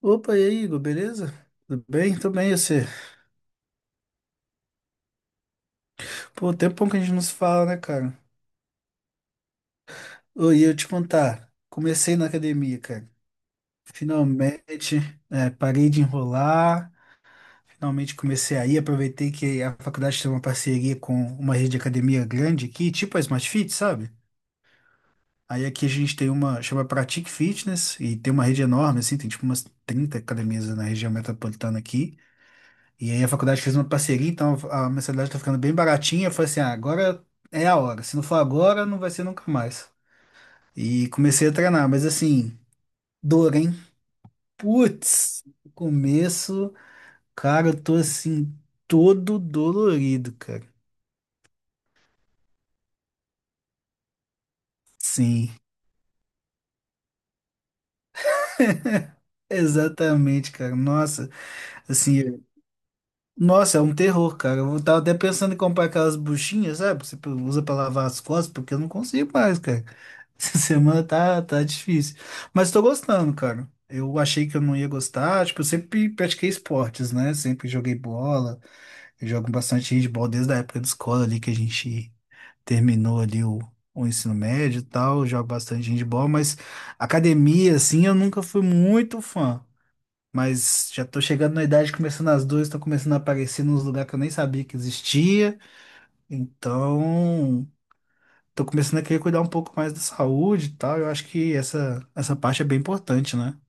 Opa, e aí, Igor, beleza? Tudo bem? Tudo bem, e você? Pô, tempão que a gente não se fala, né, cara? Ô, e eu te contar, comecei na academia, cara. Finalmente, é, parei de enrolar, finalmente comecei aí, aproveitei que a faculdade tem uma parceria com uma rede de academia grande aqui, tipo a Smart Fit, sabe? Aí aqui a gente tem uma, chama Pratique Fitness, e tem uma rede enorme, assim, tem tipo umas 30 academias na região metropolitana aqui. E aí a faculdade fez uma parceria, então a mensalidade tá ficando bem baratinha. Eu falei assim, ah, agora é a hora. Se não for agora, não vai ser nunca mais. E comecei a treinar, mas assim, dor, hein? Putz, no começo, cara, eu tô assim, todo dolorido, cara. Sim, exatamente, cara. Nossa, assim, nossa, é um terror, cara. Eu tava até pensando em comprar aquelas buchinhas, sabe, que você usa pra lavar as costas, porque eu não consigo mais, cara. Essa semana tá difícil. Mas tô gostando, cara. Eu achei que eu não ia gostar. Tipo, eu sempre pratiquei esportes, né? Sempre joguei bola. Eu jogo bastante handball desde a época da escola ali que a gente terminou ali o ensino médio e tal. Eu jogo bastante handball, mas academia, assim, eu nunca fui muito fã. Mas já tô chegando na idade, começando as duas, tô começando a aparecer nos lugares que eu nem sabia que existia. Então tô começando a querer cuidar um pouco mais da saúde e tal. Eu acho que essa parte é bem importante, né?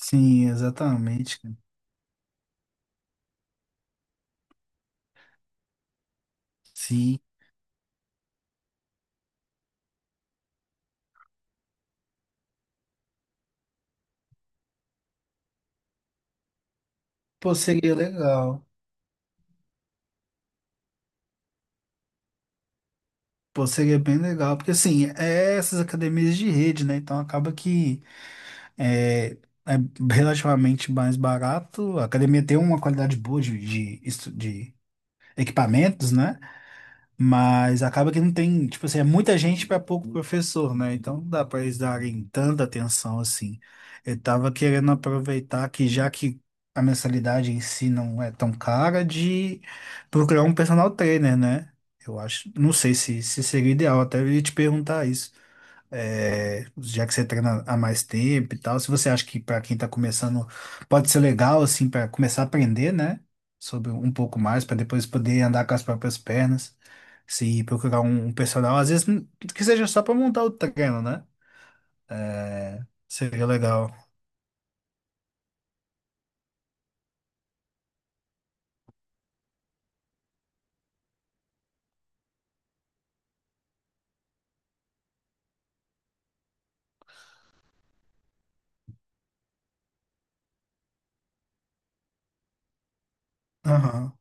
Sim, exatamente, cara. Sim. Pô, seria legal. Pô, seria bem legal. Porque, assim, é essas academias de rede, né? Então acaba que é, é relativamente mais barato. A academia tem uma qualidade boa de equipamentos, né? Mas acaba que não tem, tipo assim, é muita gente para pouco professor, né? Então não dá para eles darem tanta atenção assim. Eu estava querendo aproveitar que já que a mensalidade em si não é tão cara, de procurar um personal trainer, né? Eu acho, não sei se seria ideal, até eu ia te perguntar isso é, já que você treina há mais tempo e tal, se você acha que para quem está começando pode ser legal assim para começar a aprender, né, sobre um pouco mais para depois poder andar com as próprias pernas, se procurar um, personal, às vezes que seja só para montar o treino, né? Seria legal. Aham.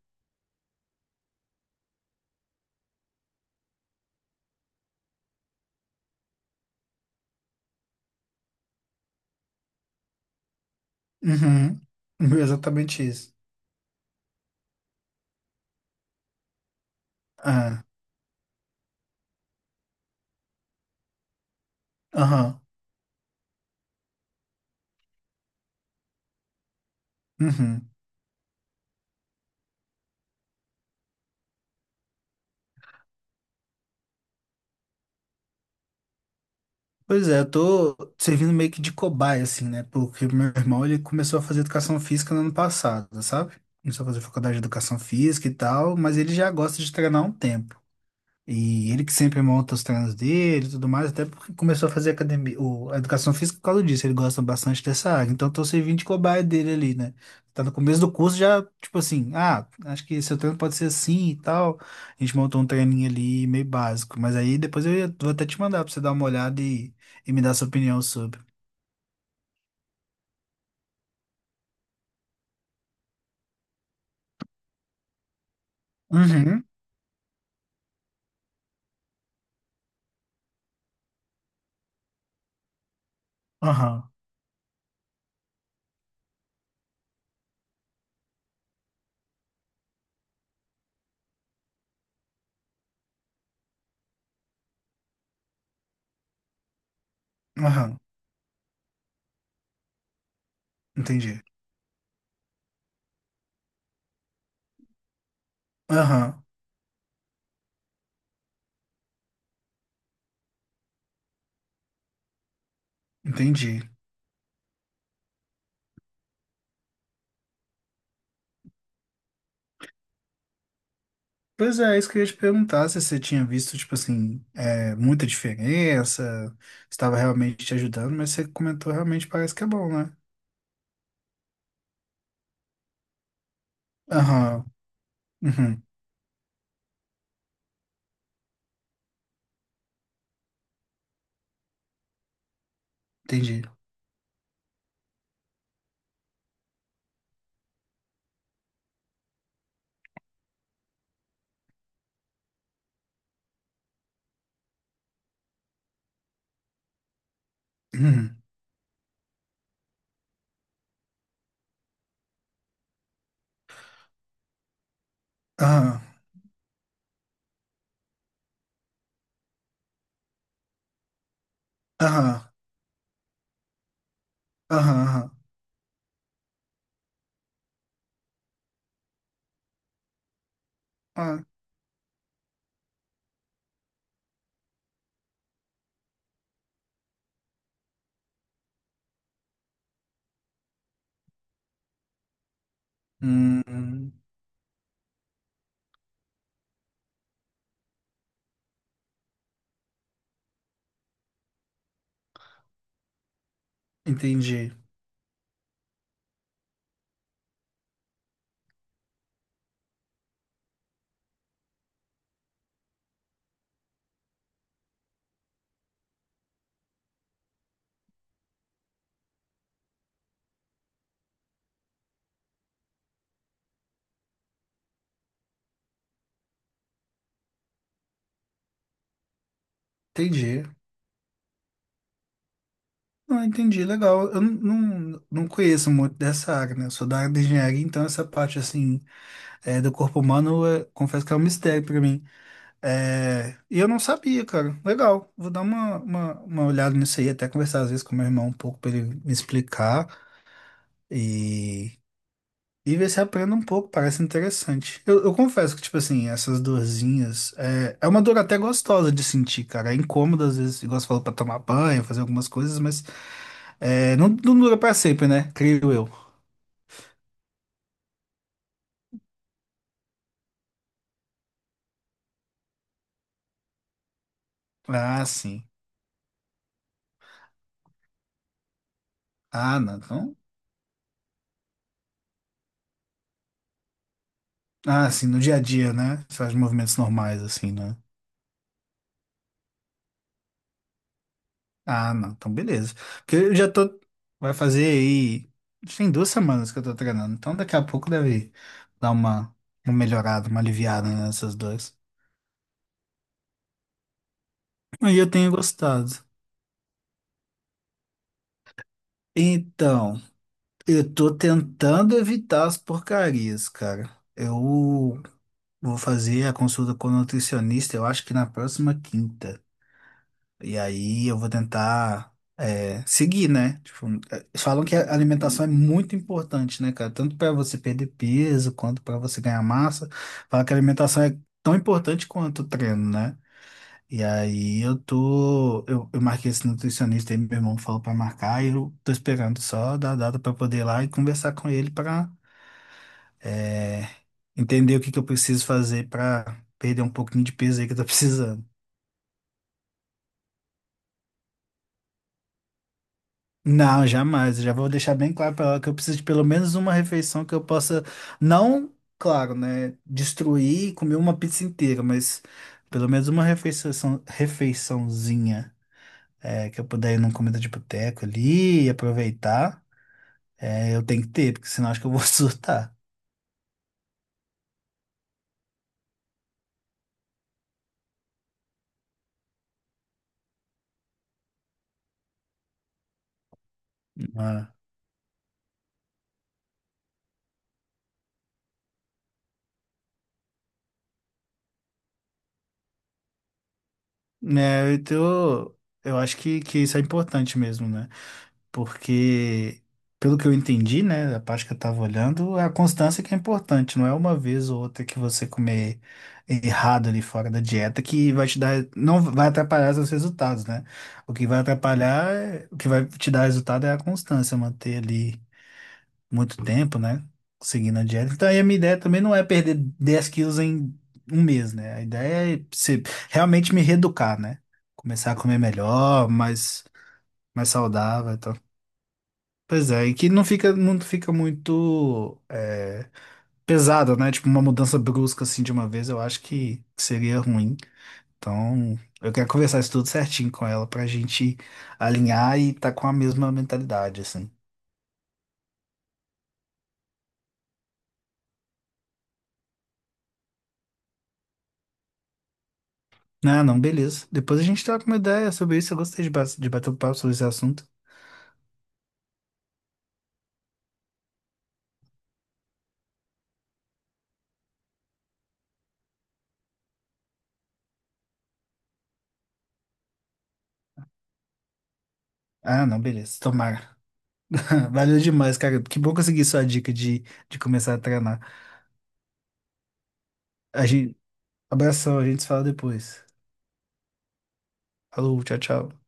Uhum. Exatamente isso. Ah. Aham. Uhum. Pois é, eu tô servindo meio que de cobaia, assim, né? Porque o meu irmão, ele começou a fazer educação física no ano passado, sabe? Começou a fazer faculdade de educação física e tal, mas ele já gosta de treinar há um tempo. E ele que sempre monta os treinos dele e tudo mais, até porque começou a fazer academia, a educação física por causa disso, ele gosta bastante dessa área. Então, eu tô servindo de cobaia dele ali, né? Tá no começo do curso já, tipo assim, ah, acho que seu treino pode ser assim e tal. A gente montou um treininho ali meio básico, mas aí depois eu vou até te mandar pra você dar uma olhada e me dar sua opinião sobre. Uhum, aham, aham, entendi. Aham, entendi. Pois é. É isso que eu ia te perguntar, se você tinha visto, tipo assim, é, muita diferença, estava realmente te ajudando, mas você comentou realmente parece que é bom, né? Aham, uhum, entendi. Uhum, aham, aham, aham, aham. Ah, hum, hum, entendi, entendi. Ah, entendi, legal. Eu não, não, não conheço muito dessa área, né? Eu sou da área de engenharia, então essa parte, assim, é, do corpo humano, é, confesso que é um mistério para mim. É, e eu não sabia, cara. Legal. Vou dar uma olhada nisso aí, até conversar às vezes com meu irmão um pouco para ele me explicar e, e ver se aprendo um pouco. Parece interessante. Eu confesso que, tipo assim, essas dorzinhas é uma dor até gostosa de sentir, cara. É incômodo às vezes, igual você falou, pra tomar banho, fazer algumas coisas, mas não, não dura pra sempre, né? Creio eu. Ah, sim. Ah, não. Então, ah, sim, no dia a dia, né? Você faz movimentos normais, assim, né? Ah, não, então beleza. Porque eu já tô. Vai fazer aí. Tem 2 semanas que eu tô treinando, então daqui a pouco deve dar uma melhorada, uma aliviada nessas duas. Aí eu tenho gostado. Então, eu tô tentando evitar as porcarias, cara. Eu vou fazer a consulta com o nutricionista, eu acho que na próxima quinta. E aí eu vou tentar seguir, né? Tipo, falam que a alimentação é muito importante, né, cara? Tanto para você perder peso quanto para você ganhar massa. Falam que a alimentação é tão importante quanto o treino, né? E aí eu tô. Eu marquei esse nutricionista aí, meu irmão falou para marcar, e eu tô esperando só dar a data para poder ir lá e conversar com ele para entender o que que eu preciso fazer para perder um pouquinho de peso aí que eu tô precisando. Não, jamais. Eu já vou deixar bem claro para ela que eu preciso de pelo menos uma refeição que eu possa, não, claro, né, destruir e comer uma pizza inteira, mas pelo menos uma refeição, refeiçãozinha que eu puder ir numa comida de boteco ali e aproveitar, eu tenho que ter, porque senão acho que eu vou surtar. Ah. É, então, eu acho que isso é importante mesmo, né? Porque, pelo que eu entendi, né, a parte que eu estava olhando, é a constância que é importante, não é uma vez ou outra que você comer errado ali fora da dieta que vai te dar, não vai atrapalhar seus resultados, né? O que vai atrapalhar, o que vai te dar resultado é a constância, manter ali muito tempo, né, seguindo a dieta. Então, aí a minha ideia também não é perder 10 quilos em um mês, né? A ideia é realmente me reeducar, né? Começar a comer melhor, mais saudável, e tal. Pois é, e que não fica muito pesado, né? Tipo, uma mudança brusca assim de uma vez, eu acho que seria ruim. Então, eu quero conversar isso tudo certinho com ela pra gente alinhar e tá com a mesma mentalidade, assim. Não, não, beleza. Depois a gente troca uma ideia sobre isso. Eu gostei de bater um papo sobre esse assunto. Ah, não, beleza. Tomara. Valeu demais, cara. Que bom conseguir sua dica de começar a treinar. A gente, abração, a gente se fala depois. Falou, tchau, tchau.